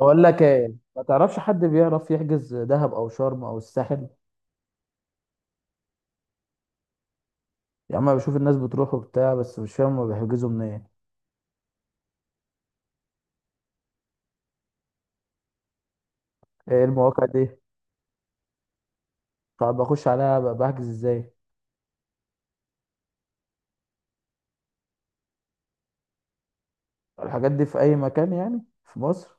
بقول لك ايه، ما تعرفش حد بيعرف يحجز دهب او شرم او الساحل؟ يا عم أنا بشوف الناس بتروح وبتاع، بس مش فاهم هما بيحجزوا منين. ايه المواقع دي؟ طب بخش عليها بحجز ازاي؟ الحاجات دي في اي مكان يعني، في مصر؟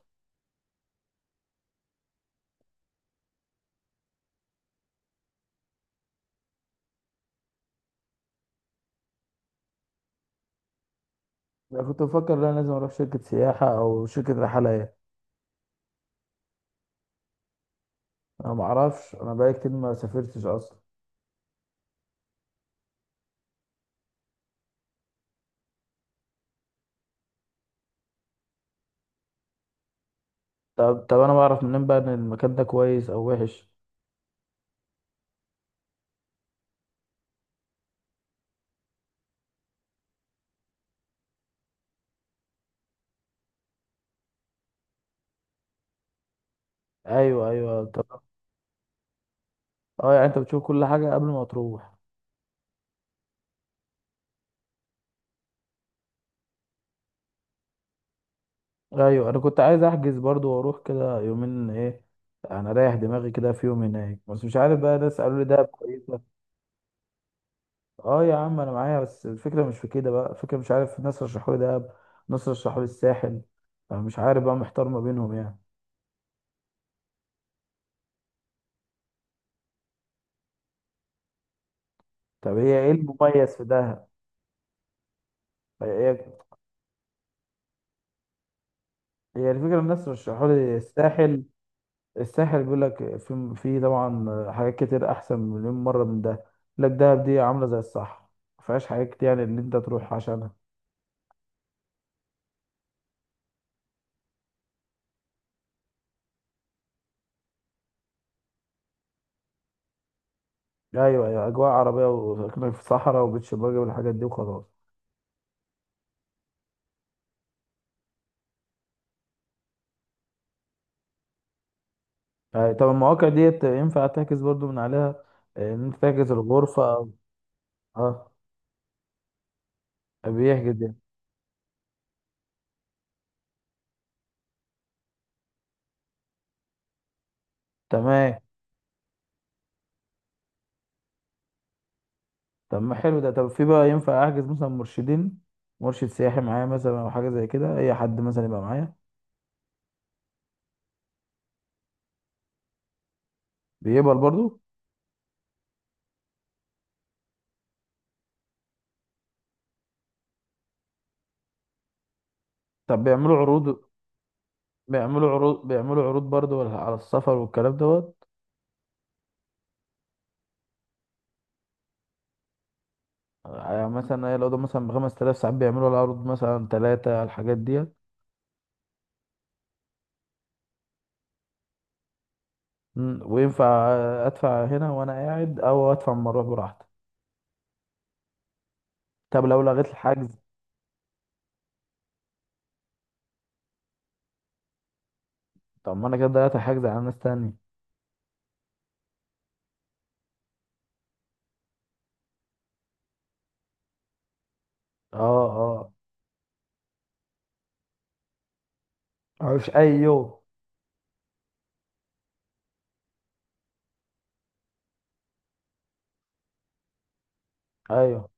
انا كنت بفكر لا، لازم اروح شركة سياحة او شركة رحلة ايه. انا ما اعرفش، انا بقالي كتير ما سافرتش اصلا. طب انا بعرف منين بقى ان المكان ده كويس او وحش؟ ايوه، ايوه. طب. اه، يعني انت بتشوف كل حاجة قبل ما تروح؟ ايوه، انا كنت عايز احجز برضو واروح كده يومين ايه. انا رايح دماغي كده في يوم هناك، بس مش عارف بقى، ناس قالوا لي دهب كويسه. اه يا عم انا معايا، بس الفكره مش في كده بقى، الفكره مش عارف، ناس رشحوا لي دهب. ناس رشحوا لي الساحل. انا مش عارف بقى، محتار ما بينهم يعني. طب هي ايه المميز في دهب؟ هي. هي الفكره، الناس رشحوا لي الساحل. الساحل بيقول لك في طبعا حاجات كتير احسن مليون مره من ده. يقول لك دهب دي عامله زي الصحراء. ما فيهاش حاجات كتير يعني، اللي انت تروح عشان. ايوه، ايوه، اجواء عربيه وساكنين في صحراء وبتش باجي والحاجات دي وخلاص. أيوة. طب المواقع ديت ينفع تعكس برضو من عليها؟ ان انت تعكس الغرفه اه، بيحجز يعني. تمام. طب ما حلو ده. طب في بقى ينفع احجز مثلا مرشدين، مرشد سياحي معايا مثلا، او حاجه زي كده، اي حد مثلا يبقى معايا؟ بيقبل برضو؟ طب بيعملوا عروض؟ بيعملوا عروض برضو على السفر والكلام دوت؟ يعني مثلا إيه، لو ده مثلا بـ 5000 ساعات بيعملوا العروض مثلا تلاتة على الحاجات ديت. وينفع ادفع هنا وانا قاعد او ادفع لما اروح براحتي؟ طب لو لغيت الحجز؟ طب ما انا كده ضيعت الحجز على ناس تانية. اه. اه. مفيش اي يوم؟ ايوه.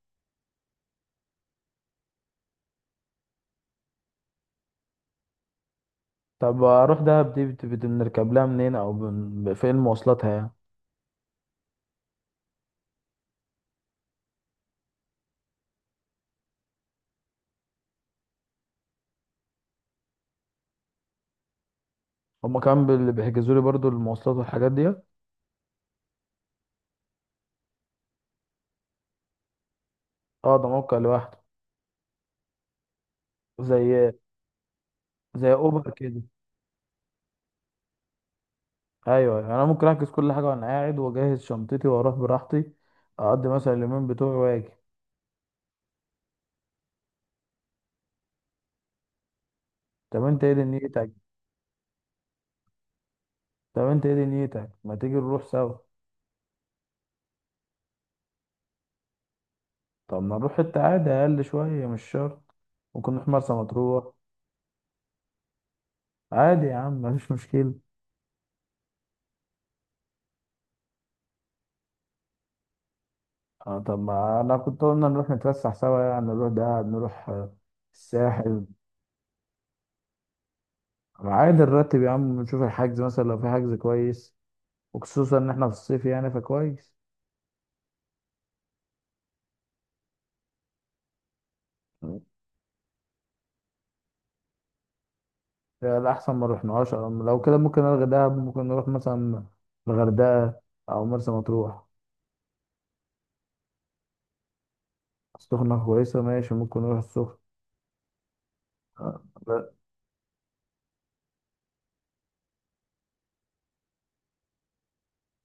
طب اروح دهب دي، بنركب لها منين، او فين مواصلاتها يعني؟ هما كمان بيحجزوا لي برضو المواصلات والحاجات دي؟ اه، ده موقع لوحده؟ زي زي اوبر كده. ايوه يعني انا ممكن احجز كل حاجه وانا قاعد، واجهز شنطتي واروح براحتي. اقضي مثلا اليومين بتوعي واجي. طب انت ايه دنيتك؟ طب انت ايه دنيتك، ما تيجي نروح سوا؟ طب ما نروح حتة عادي اقل شوية، مش شرط. ممكن نروح مرسى مطروح. عادي يا عم، مفيش مشكلة. اه، طب ما انا كنت قلنا نروح نتفسح سوا يعني، نروح دهب نروح الساحل. عادي نرتب يا عم، نشوف الحجز مثلا لو في حجز كويس. وخصوصا ان احنا في الصيف يعني فكويس. يعني الأحسن ما رحناهاش، أو لو كده ممكن ألغي دهب، ممكن نروح مثلا الغردقة أو مرسى مطروح. السخنة كويسة، ماشي ممكن نروح السخنة. آه.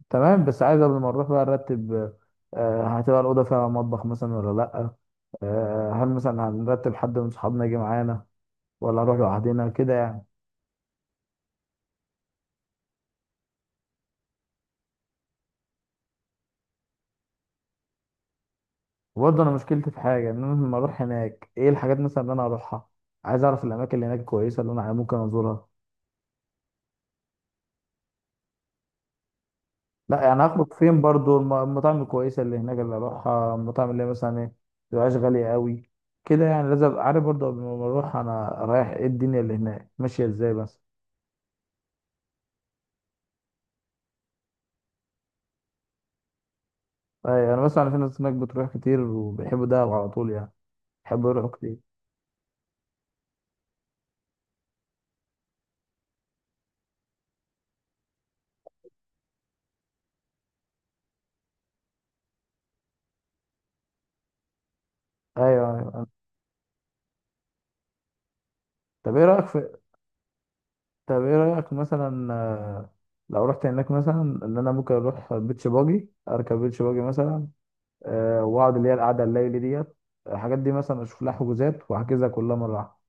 تمام، بس عايز قبل ما نروح بقى نرتب. هتبقى الأوضة فيها مطبخ مثلا ولا لأ؟ هل مثلا هنرتب حد من صحابنا يجي معانا، ولا نروح لوحدنا كده يعني؟ وبرضه أنا مشكلتي في حاجة، إن أنا لما أروح هناك إيه الحاجات مثلا اللي أنا هروحها. عايز أعرف الأماكن اللي هناك كويسة، اللي أنا ممكن أزورها. لأ يعني، هخرج فين برضه؟ المطاعم الكويسة اللي هناك اللي أروحها، المطاعم اللي هي مثلا إيه. متبقاش غالية أوي كده يعني، لازم أبقى عارف برضه قبل ما أروح أنا رايح إيه، الدنيا اللي هناك ماشية إزاي بس. ايوه، انا بسمع ان في ناس هناك بتروح كتير وبيحبوا دهب على طول يعني. بيحبوا يروحوا كتير. ايوه، ايوه. طب ايه رايك في؟ طب ايه رايك مثلا لو رحت هناك مثلا، ان انا ممكن اروح بيتش باجي، اركب بيتش باجي مثلا. واقعد اللي هي القعده الليلي ديت. الحاجات دي مثلا اشوف لها حجوزات، واحجزها كلها مره واحده.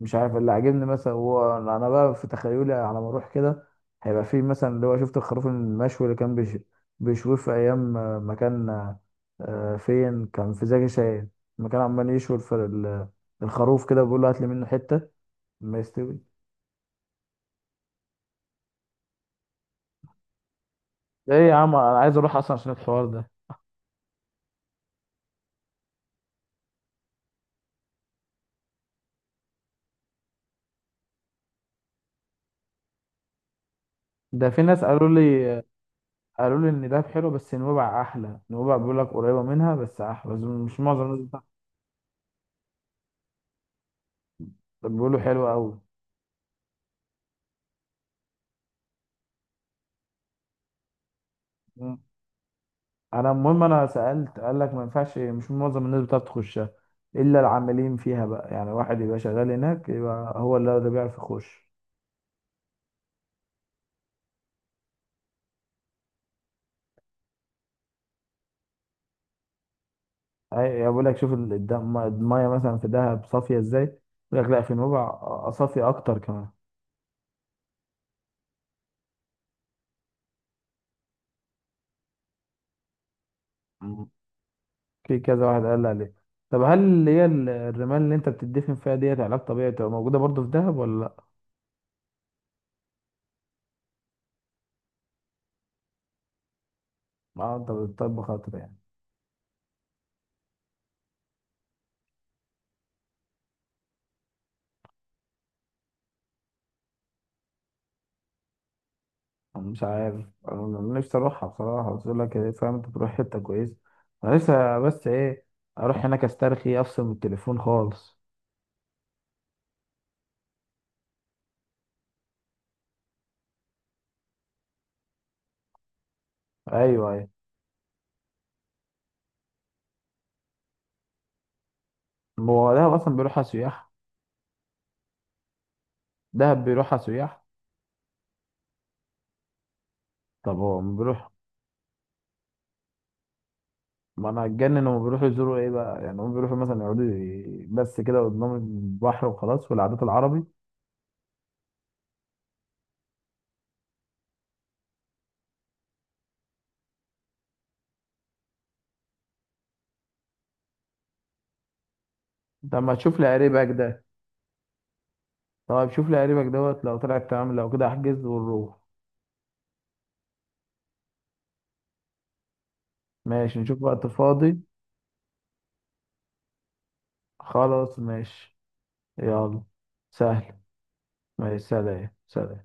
مش عارف، اللي عاجبني مثلا هو انا بقى في تخيلي على ما اروح كده. هيبقى في مثلا اللي هو شفت الخروف المشوي اللي كان بيشويه في ايام ما كان فين كان؟ في زكي شاهين. لما كان عمال يشوي الخروف كده، بيقول له هات لي منه حته. ما يستوي. ايه يا عم انا عايز اروح اصلا عشان الحوار ده. ده في ناس قالوا لي. قالوا لي ان دهب حلو، بس نويبع احلى. نويبع بيقول لك قريبه منها بس احلى، بس مش معظم الناس بيقولوا حلو قوي. انا المهم، انا سالت قال لك ما ينفعش، مش معظم الناس بتعرف تخشها، الا العاملين فيها بقى يعني، واحد يبقى شغال هناك يبقى هو اللي بيعرف يخش. اي بقول لك شوف الميه مثلا في دهب صافيه ازاي. يقول لك لا، في نوبع صافيه اكتر كمان. مم. في كذا واحد قال لي عليه. طب هل اللي هي الرمال اللي انت بتدفن فيها ديت علاج طبيعي، بتبقى موجوده برضو في دهب ولا لا؟ اه، انت بتطبخ اكتر يعني؟ مش عارف، انا نفسي اروحها بصراحه، بس يقول لك إيه، فاهم انت تروح حته كويسه. انا لسه بس ايه، اروح هناك استرخي، افصل من التليفون خالص. ايوه، ايوه. ما هو دهب اصلا بيروحها سياح. دهب بيروحها سياح. طب هو ما بيروح؟ ما انا هتجنن، هم بيروحوا يزوروا ايه بقى يعني، هم بيروحوا مثلا يقعدوا بس كده قدام البحر وخلاص، والعادات العربي. طب ما تشوف لي قريبك ده. طب شوف لي قريبك دوت، لو طلعت تمام لو كده احجز ونروح. ماشي، نشوف وقت فاضي. خلاص ماشي. يلا. سهل. مع السلامة، سلام.